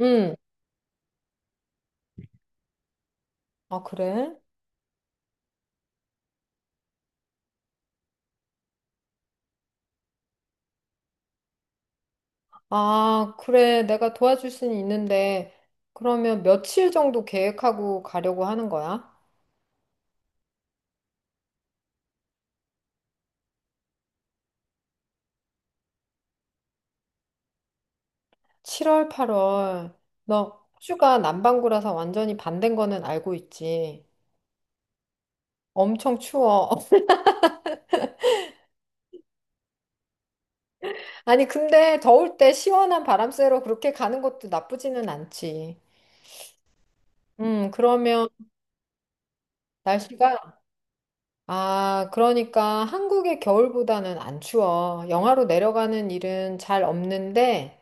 응. 아, 그래? 아, 그래. 내가 도와줄 수는 있는데, 그러면 며칠 정도 계획하고 가려고 하는 거야? 7월, 8월. 너 호주가 남반구라서 완전히 반댄 거는 알고 있지. 엄청 추워. 아니, 근데 더울 때 시원한 바람 쐬러 그렇게 가는 것도 나쁘지는 않지. 그러면 날씨가, 아, 그러니까 한국의 겨울보다는 안 추워. 영하로 내려가는 일은 잘 없는데,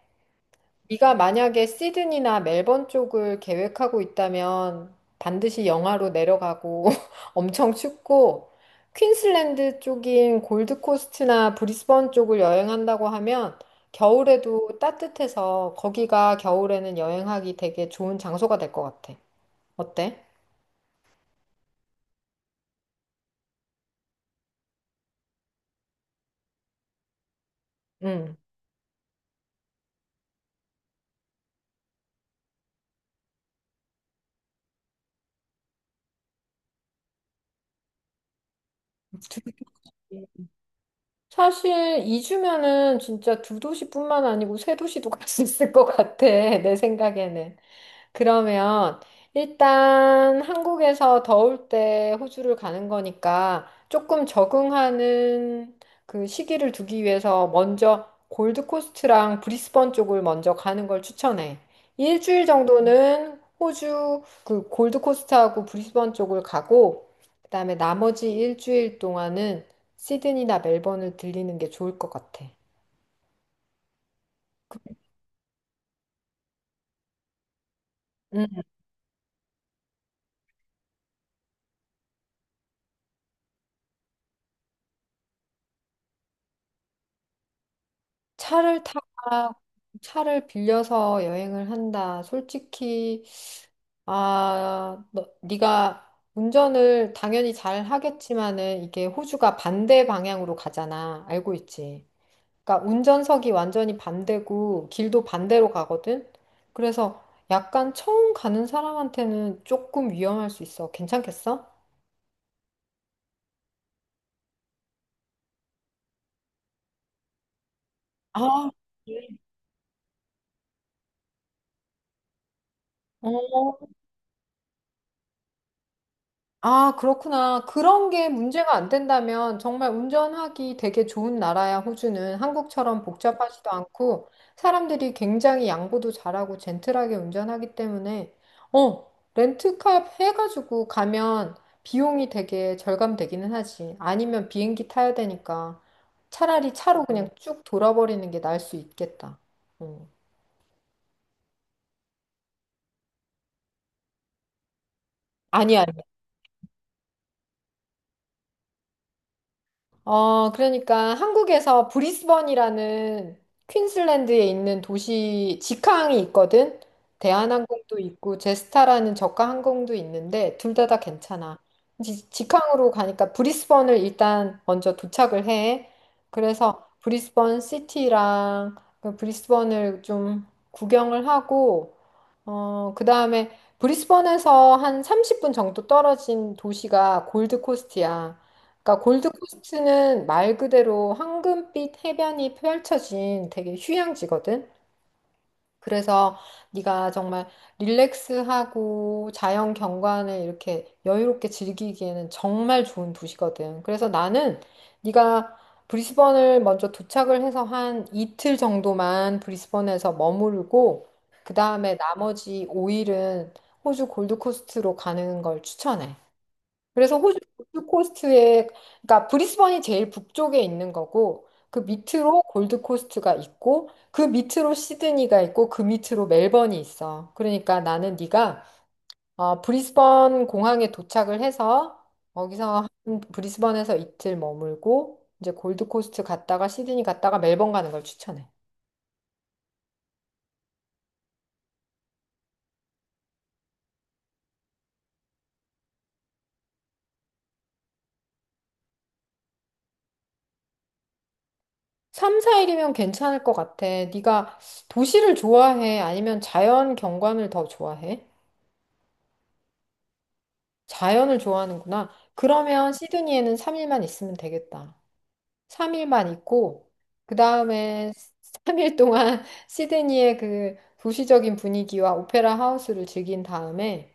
네가 만약에 시드니나 멜번 쪽을 계획하고 있다면 반드시 영하로 내려가고 엄청 춥고 퀸슬랜드 쪽인 골드코스트나 브리스번 쪽을 여행한다고 하면 겨울에도 따뜻해서 거기가 겨울에는 여행하기 되게 좋은 장소가 될 것 같아. 어때? 응. 두- 사실 2주면은 진짜 두 도시뿐만 아니고 세 도시도 갈 수 있을 것 같아. 내 생각에는. 그러면 일단 한국에서 더울 때 호주를 가는 거니까 조금 적응하는 그 시기를 두기 위해서 먼저 골드코스트랑 브리스번 쪽을 먼저 가는 걸 추천해. 일주일 정도는 호주 그 골드코스트하고 브리스번 쪽을 가고 그다음에 나머지 일주일 동안은 시드니나 멜번을 들리는 게 좋을 것 같아. 차를 타거나 차를 빌려서 여행을 한다. 솔직히 아, 네가 운전을 당연히 잘 하겠지만은 이게 호주가 반대 방향으로 가잖아. 알고 있지? 그러니까 운전석이 완전히 반대고 길도 반대로 가거든. 그래서 약간 처음 가는 사람한테는 조금 위험할 수 있어. 괜찮겠어? 아, 그래? 아, 그렇구나. 그런 게 문제가 안 된다면 정말 운전하기 되게 좋은 나라야, 호주는. 한국처럼 복잡하지도 않고 사람들이 굉장히 양보도 잘하고 젠틀하게 운전하기 때문에 어, 렌트카 해가지고 가면 비용이 되게 절감되기는 하지. 아니면 비행기 타야 되니까 차라리 차로 그냥 쭉 돌아버리는 게 나을 수 있겠다. 어. 아니, 아니. 그러니까 한국에서 브리스번이라는 퀸슬랜드에 있는 도시 직항이 있거든. 대한항공도 있고 제스타라는 저가 항공도 있는데 둘 다 다 괜찮아. 직항으로 가니까 브리스번을 일단 먼저 도착을 해. 그래서 브리스번 시티랑 그 브리스번을 좀 구경을 하고 그다음에 브리스번에서 한 30분 정도 떨어진 도시가 골드코스트야. 그러니까 골드코스트는 말 그대로 황금빛 해변이 펼쳐진 되게 휴양지거든. 그래서 네가 정말 릴렉스하고 자연 경관을 이렇게 여유롭게 즐기기에는 정말 좋은 도시거든. 그래서 나는 네가 브리스번을 먼저 도착을 해서 한 이틀 정도만 브리스번에서 머무르고 그 다음에 나머지 5일은 호주 골드코스트로 가는 걸 추천해. 그래서 호주 골드코스트에, 그러니까 브리스번이 제일 북쪽에 있는 거고, 그 밑으로 골드코스트가 있고, 그 밑으로 시드니가 있고, 그 밑으로 멜번이 있어. 그러니까 나는 네가 브리스번 공항에 도착을 해서 거기서 브리스번에서 이틀 머물고, 이제 골드코스트 갔다가 시드니 갔다가 멜번 가는 걸 추천해. 3, 4일이면 괜찮을 것 같아. 네가 도시를 좋아해? 아니면 자연 경관을 더 좋아해? 자연을 좋아하는구나. 그러면 시드니에는 3일만 있으면 되겠다. 3일만 있고, 그 다음에 3일 동안 시드니의 그 도시적인 분위기와 오페라 하우스를 즐긴 다음에,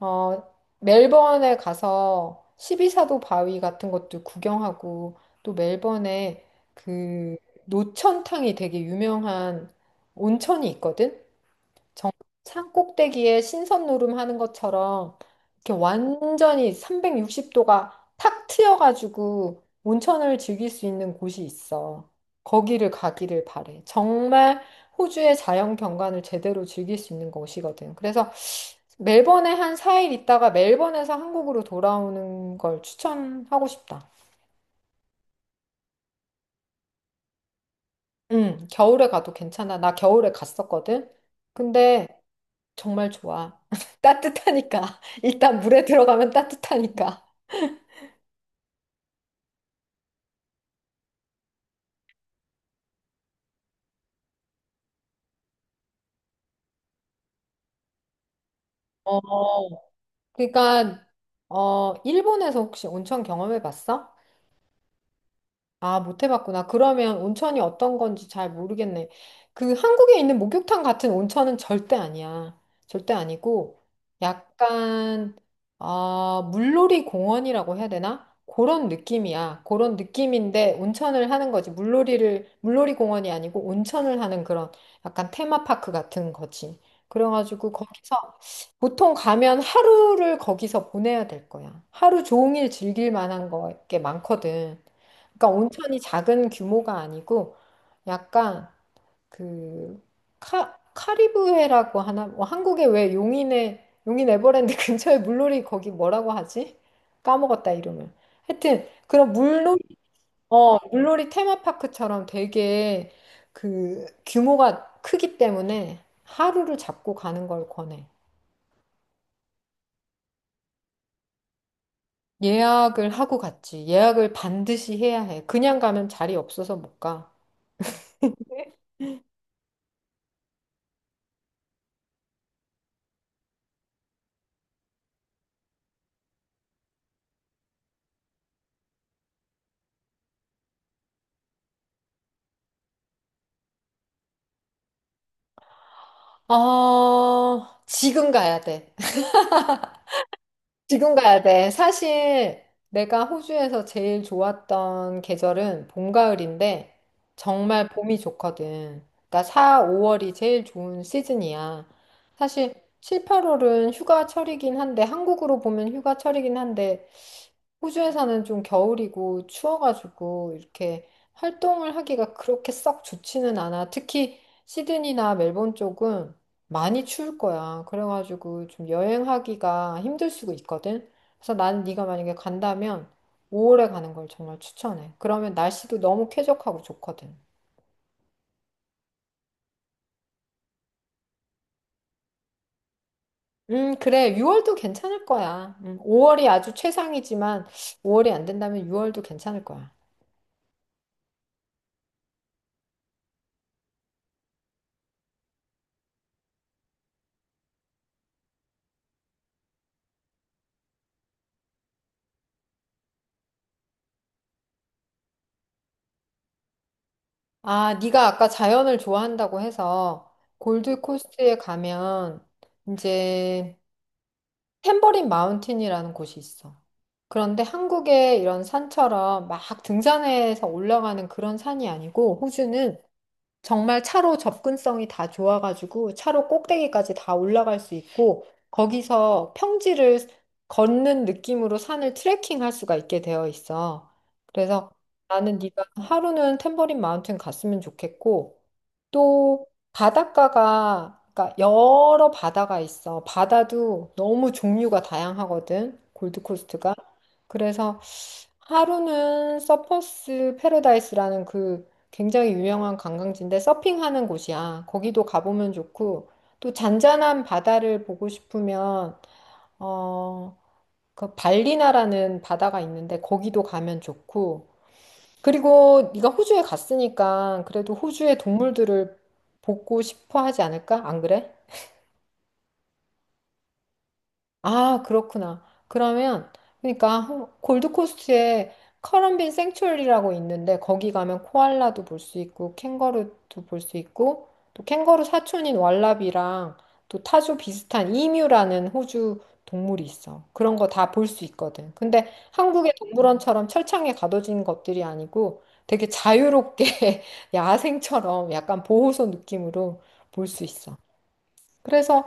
어, 멜번에 가서 십이사도 바위 같은 것도 구경하고, 또 멜번에 그 노천탕이 되게 유명한 온천이 있거든? 정- 산 꼭대기에 신선 노름하는 것처럼 이렇게 완전히 360도가 탁 트여가지고 온천을 즐길 수 있는 곳이 있어. 거기를 가기를 바래. 정말 호주의 자연 경관을 제대로 즐길 수 있는 곳이거든. 그래서 멜번에 한 4일 있다가 멜번에서 한국으로 돌아오는 걸 추천하고 싶다. 응, 겨울에 가도 괜찮아. 나 겨울에 갔었거든. 근데 정말 좋아. 따뜻하니까. 일단 물에 들어가면 따뜻하니까. 어. 그러니까 일본에서 혹시 온천 경험해 봤어? 아, 못 해봤구나. 그러면 온천이 어떤 건지 잘 모르겠네. 그 한국에 있는 목욕탕 같은 온천은 절대 아니야. 절대 아니고, 약간, 아, 물놀이 공원이라고 해야 되나? 그런 느낌이야. 그런 느낌인데 온천을 하는 거지. 물놀이 공원이 아니고 온천을 하는 그런 약간 테마파크 같은 거지. 그래가지고 거기서 보통 가면 하루를 거기서 보내야 될 거야. 하루 종일 즐길 만한 거게 많거든. 그러니까 온천이 작은 규모가 아니고 약간 그 카리브해라고 하나 뭐 한국에 왜 용인에 용인 에버랜드 근처에 물놀이 거기 뭐라고 하지? 까먹었다 이름을. 하여튼 그런 물놀이 물놀이 테마파크처럼 되게 그 규모가 크기 때문에 하루를 잡고 가는 걸 권해. 예약을 하고 갔지. 예약을 반드시 해야 해. 그냥 가면 자리 없어서 못 가. 아, 지금 가야 돼. 지금 가야 돼. 사실 내가 호주에서 제일 좋았던 계절은 봄, 가을인데 정말 봄이 좋거든. 그러니까 4, 5월이 제일 좋은 시즌이야. 사실 7, 8월은 휴가철이긴 한데 한국으로 보면 휴가철이긴 한데 호주에서는 좀 겨울이고 추워가지고 이렇게 활동을 하기가 그렇게 썩 좋지는 않아. 특히 시드니나 멜번 쪽은 많이 추울 거야. 그래가지고 좀 여행하기가 힘들 수도 있거든. 그래서 난 네가 만약에 간다면 5월에 가는 걸 정말 추천해. 그러면 날씨도 너무 쾌적하고 좋거든. 그래. 6월도 괜찮을 거야. 5월이 아주 최상이지만 5월이 안 된다면 6월도 괜찮을 거야. 아, 네가 아까 자연을 좋아한다고 해서 골드코스트에 가면 이제 탬버린 마운틴이라는 곳이 있어. 그런데 한국의 이런 산처럼 막 등산해서 올라가는 그런 산이 아니고 호주는 정말 차로 접근성이 다 좋아가지고 차로 꼭대기까지 다 올라갈 수 있고 거기서 평지를 걷는 느낌으로 산을 트레킹할 수가 있게 되어 있어. 그래서 나는 네가 하루는 탬버린 마운틴 갔으면 좋겠고 또 바닷가가 그러니까 여러 바다가 있어. 바다도 너무 종류가 다양하거든. 골드코스트가. 그래서 하루는 서퍼스 패러다이스라는 그 굉장히 유명한 관광지인데 서핑하는 곳이야. 거기도 가보면 좋고 또 잔잔한 바다를 보고 싶으면 어, 그 발리나라는 바다가 있는데 거기도 가면 좋고 그리고 네가 호주에 갔으니까 그래도 호주의 동물들을 보고 싶어 하지 않을까? 안 그래? 아, 그렇구나. 그러면, 그러니까, 골드코스트에 커럼빈 생츄어리라고 있는데, 거기 가면 코알라도 볼 수 있고, 캥거루도 볼 수 있고, 또 캥거루 사촌인 왈라비랑, 또 타조 비슷한 이뮤라는 호주 동물이 있어. 그런 거 다 볼 수 있거든. 근데 한국의 동물원처럼 철창에 가둬진 것들이 아니고, 되게 자유롭게 야생처럼 약간 보호소 느낌으로 볼 수 있어. 그래서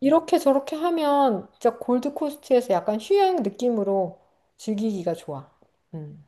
이렇게 저렇게 하면 진짜 골드코스트에서 약간 휴양 느낌으로 즐기기가 좋아. 음.